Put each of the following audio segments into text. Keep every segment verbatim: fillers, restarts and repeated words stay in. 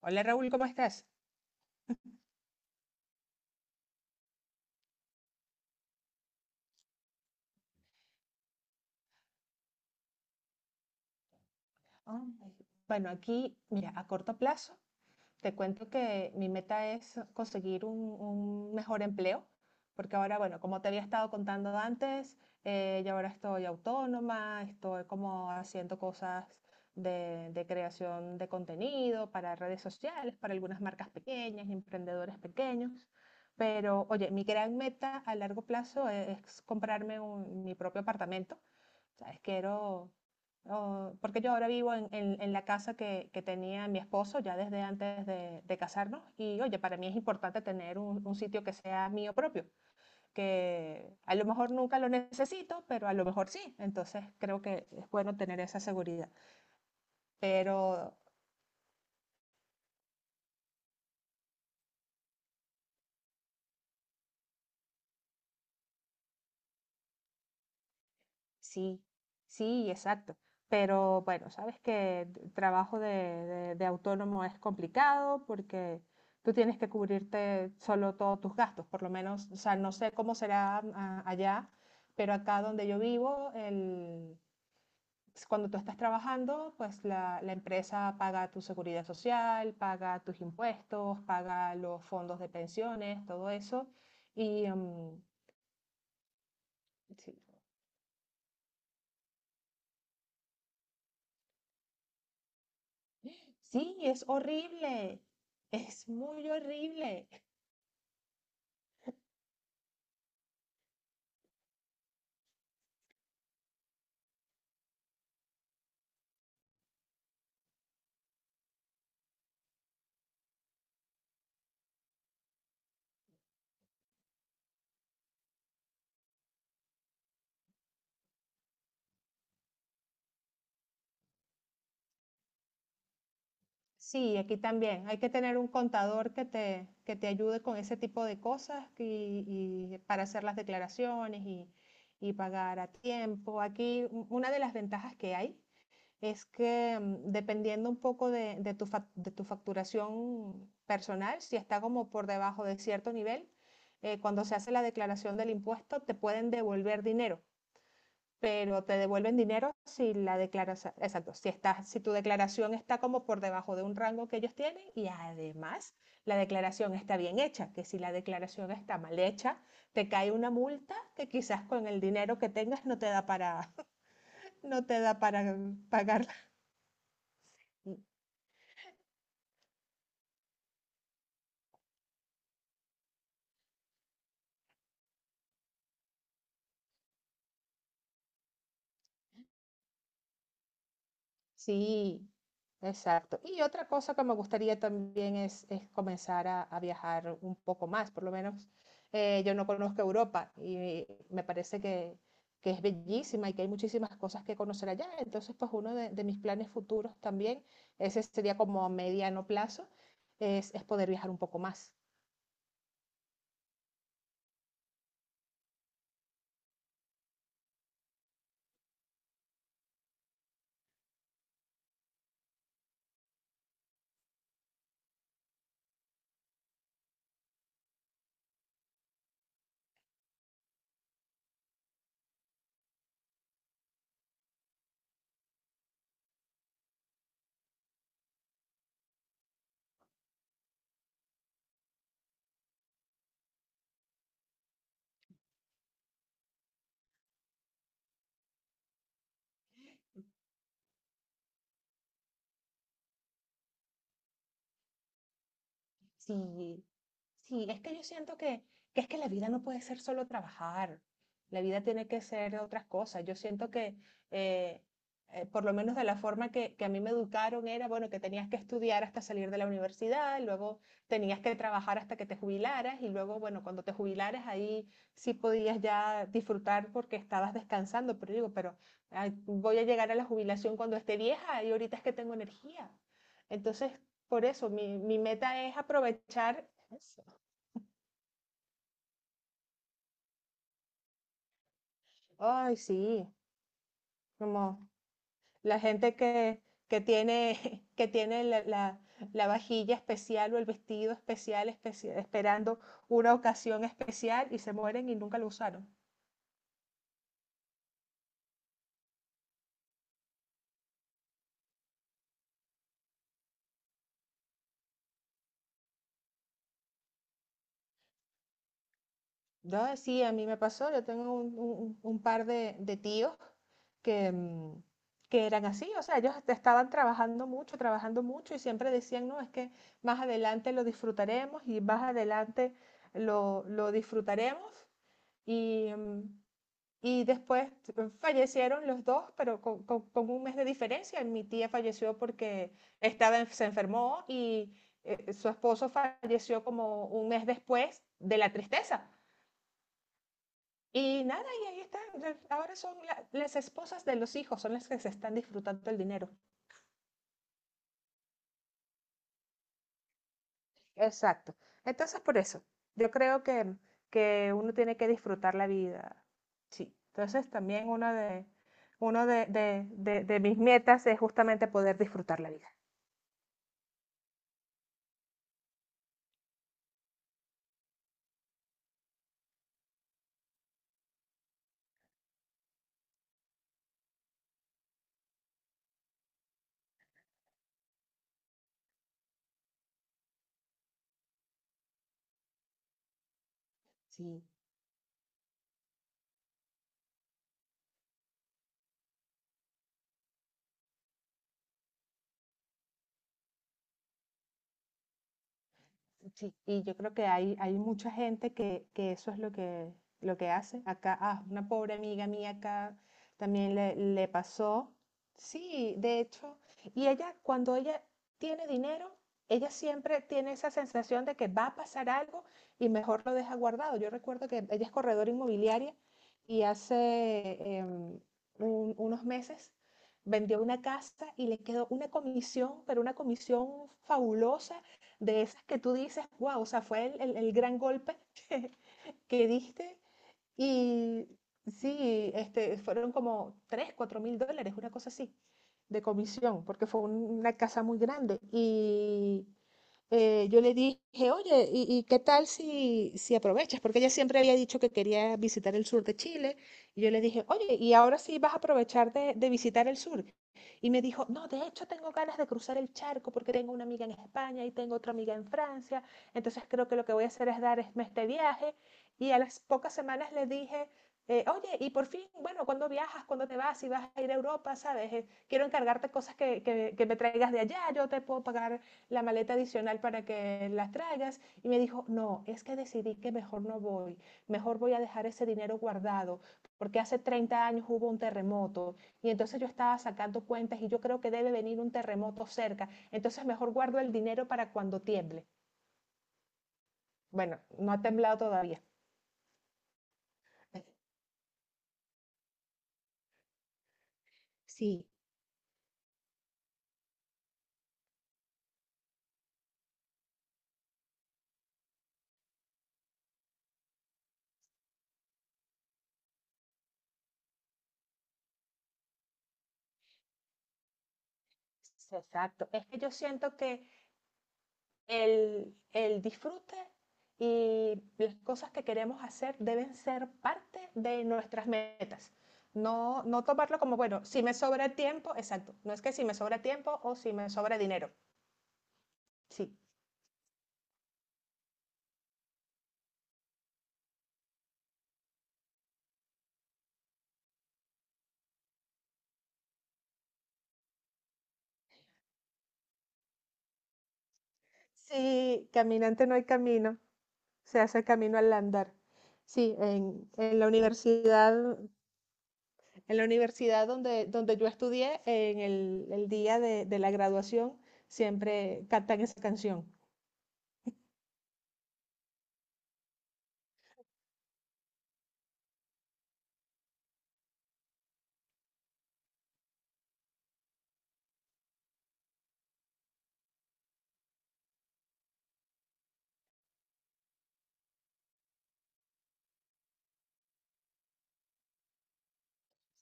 Hola Raúl, ¿cómo estás? Ah, bueno, aquí, mira, a corto plazo, te cuento que mi meta es conseguir un, un mejor empleo, porque ahora, bueno, como te había estado contando antes, eh, yo ahora estoy autónoma, estoy como haciendo cosas de, de creación de contenido para redes sociales, para algunas marcas pequeñas, emprendedores pequeños. Pero, oye, mi gran meta a largo plazo e, es comprarme un- mi propio apartamento. ¿Sabes? Quiero. Oh, porque yo ahora vivo en, en- en la casa que, que tenía mi esposo ya desde antes de, de casarnos, y oye, para mí es importante tener un, un sitio que sea mío propio, que a lo mejor nunca lo necesito, pero a lo mejor sí, entonces creo que es bueno tener esa seguridad. Pero sí, sí, exacto. Pero bueno, sabes que el trabajo de, de- de autónomo es complicado porque tú tienes que cubrirte solo todos tus gastos, por lo menos, o sea, no sé cómo será ah, allá, pero acá donde yo vivo, el, pues, cuando tú estás trabajando, pues la, la empresa paga tu seguridad social, paga tus impuestos, paga los fondos de pensiones, todo eso. Y mm, sí, sí, es horrible, es muy horrible. Sí, aquí también hay que tener un contador que te, que te ayude con ese tipo de cosas, y, y para hacer las declaraciones y, y pagar a tiempo. Aquí u- una de las ventajas que hay es que mm, dependiendo un poco de, de tu, fac- de tu facturación personal, si está como por debajo de cierto nivel, eh, cuando se hace la declaración del impuesto, te pueden devolver dinero. Pero te devuelven dinero si la declaración, exacto, si está, si tu declaración está como por debajo de un rango que ellos tienen, y además la declaración está bien hecha, que si la declaración está mal hecha, te cae una multa que quizás con el dinero que tengas no te da para, no te da para pagarla. Sí, exacto. Y otra cosa que me gustaría también es, es comenzar a, a viajar un poco más, por lo menos eh, yo no conozco Europa y me parece que, que es bellísima y que hay muchísimas cosas que conocer allá. Entonces, pues uno de, de mis planes futuros también, ese sería como a mediano plazo, es, es poder viajar un poco más. Sí, sí, es que yo siento que, que es que la vida no puede ser solo trabajar, la vida tiene que ser otras cosas. Yo siento que, eh, eh, por lo menos de la forma que, que a mí me educaron, era, bueno, que tenías que estudiar hasta salir de la universidad, luego tenías que trabajar hasta que te jubilaras, y luego, bueno, cuando te jubilaras ahí sí podías ya disfrutar porque estabas descansando, pero digo, pero ay, voy a llegar a la jubilación cuando esté vieja, y ahorita es que tengo energía. Entonces, por eso mi, mi meta es aprovechar. Ay, sí, como la gente que, que tiene, que tiene la, la- la vajilla especial o el vestido especial, especi- esperando una ocasión especial, y se mueren y nunca lo usaron. Yo, eh, sí, a mí me pasó, yo tengo un, un- un par de, de tíos que, mm, que eran así, o sea, ellos te- estaban trabajando mucho, trabajando mucho, y siempre decían, no, es que más adelante lo disfrutaremos, y más adelante lo, lo disfrutaremos. Y, mm, Y después, eh, fallecieron los dos, pero con, con- con un mes de diferencia. Mi tía falleció porque estaba, en- se enfermó, y eh, su esposo falleció como un mes después de la tristeza. Y nada, y ahí están. eh, Ahora son la- las esposas de los hijos, son las que se están disfrutando el dinero. Exacto. Entonces, por eso, yo creo que, que uno tiene que disfrutar la vida. Sí. Entonces, también una de, uno de, de de- de mis metas es justamente poder disfrutar la vida. Sí, sí, y yo creo que hay, hay mucha gente que, que eso es lo que, lo que hace. Acá, ah, una pobre amiga mía acá también le, le pasó. Sí, de hecho, y ella, cuando ella tiene dinero, ella siempre tiene esa sensación de que va a pasar algo y mejor lo deja guardado. Yo recuerdo que ella es corredora inmobiliaria y hace em, un- unos meses vendió una casa y le quedó una comisión, pero una comisión fabulosa, de esas que tú dices, wow, o sea, fue el, el, el gran golpe que, que diste. Y sí, este, fueron como tres cuatro mil dólares, una cosa así, de comisión, porque fue un- una casa muy grande. Y eh, yo le dije, oye, ¿y, y qué tal si, si aprovechas? Porque ella siempre había dicho que quería visitar el sur de Chile. Y yo le dije, oye, ¿y ahora sí vas a aprovechar de, de visitar el sur? Y me dijo, no, de hecho tengo ganas de cruzar el charco porque tengo una amiga en España y tengo otra amiga en Francia. Entonces creo que lo que voy a hacer es dar este viaje. Y a las pocas semanas le dije, eh, oye, y por fin, bueno, ¿cuándo viajas? ¿Cuándo te vas? Si vas a ir a Europa, ¿sabes? Eh, quiero encargarte cosas que, que- que me traigas de allá, yo te puedo pagar la maleta adicional para que las traigas. Y me dijo, no, es que decidí que mejor no voy, mejor voy a dejar ese dinero guardado, porque hace treinta años hubo un terremoto, y entonces yo estaba sacando cuentas y yo creo que debe venir un terremoto cerca, entonces mejor guardo el dinero para cuando tiemble. Bueno, no ha temblado todavía. Sí, exacto. Es que yo siento que el, el disfrute y las cosas que queremos hacer deben ser parte de nuestras metas. No, no tomarlo como, bueno, si me sobra tiempo, exacto. No es que si me sobra tiempo o si me sobra dinero. Sí. Sí, caminante no hay camino, se hace camino al andar. Sí, en, en la universidad, en la universidad donde, donde, yo estudié, en el, el día de, de la graduación, siempre cantan esa canción.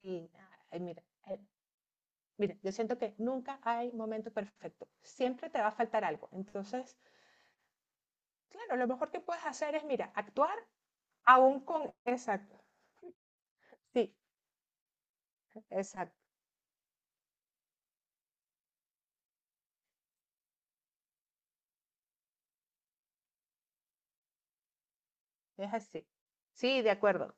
Sí, ay, mira, eh, miren, yo siento que nunca hay momento perfecto. Siempre te va a faltar algo. Entonces, claro, lo mejor que puedes hacer es, mira, actuar aún con. Exacto, sí, exacto, es así. Sí, de acuerdo.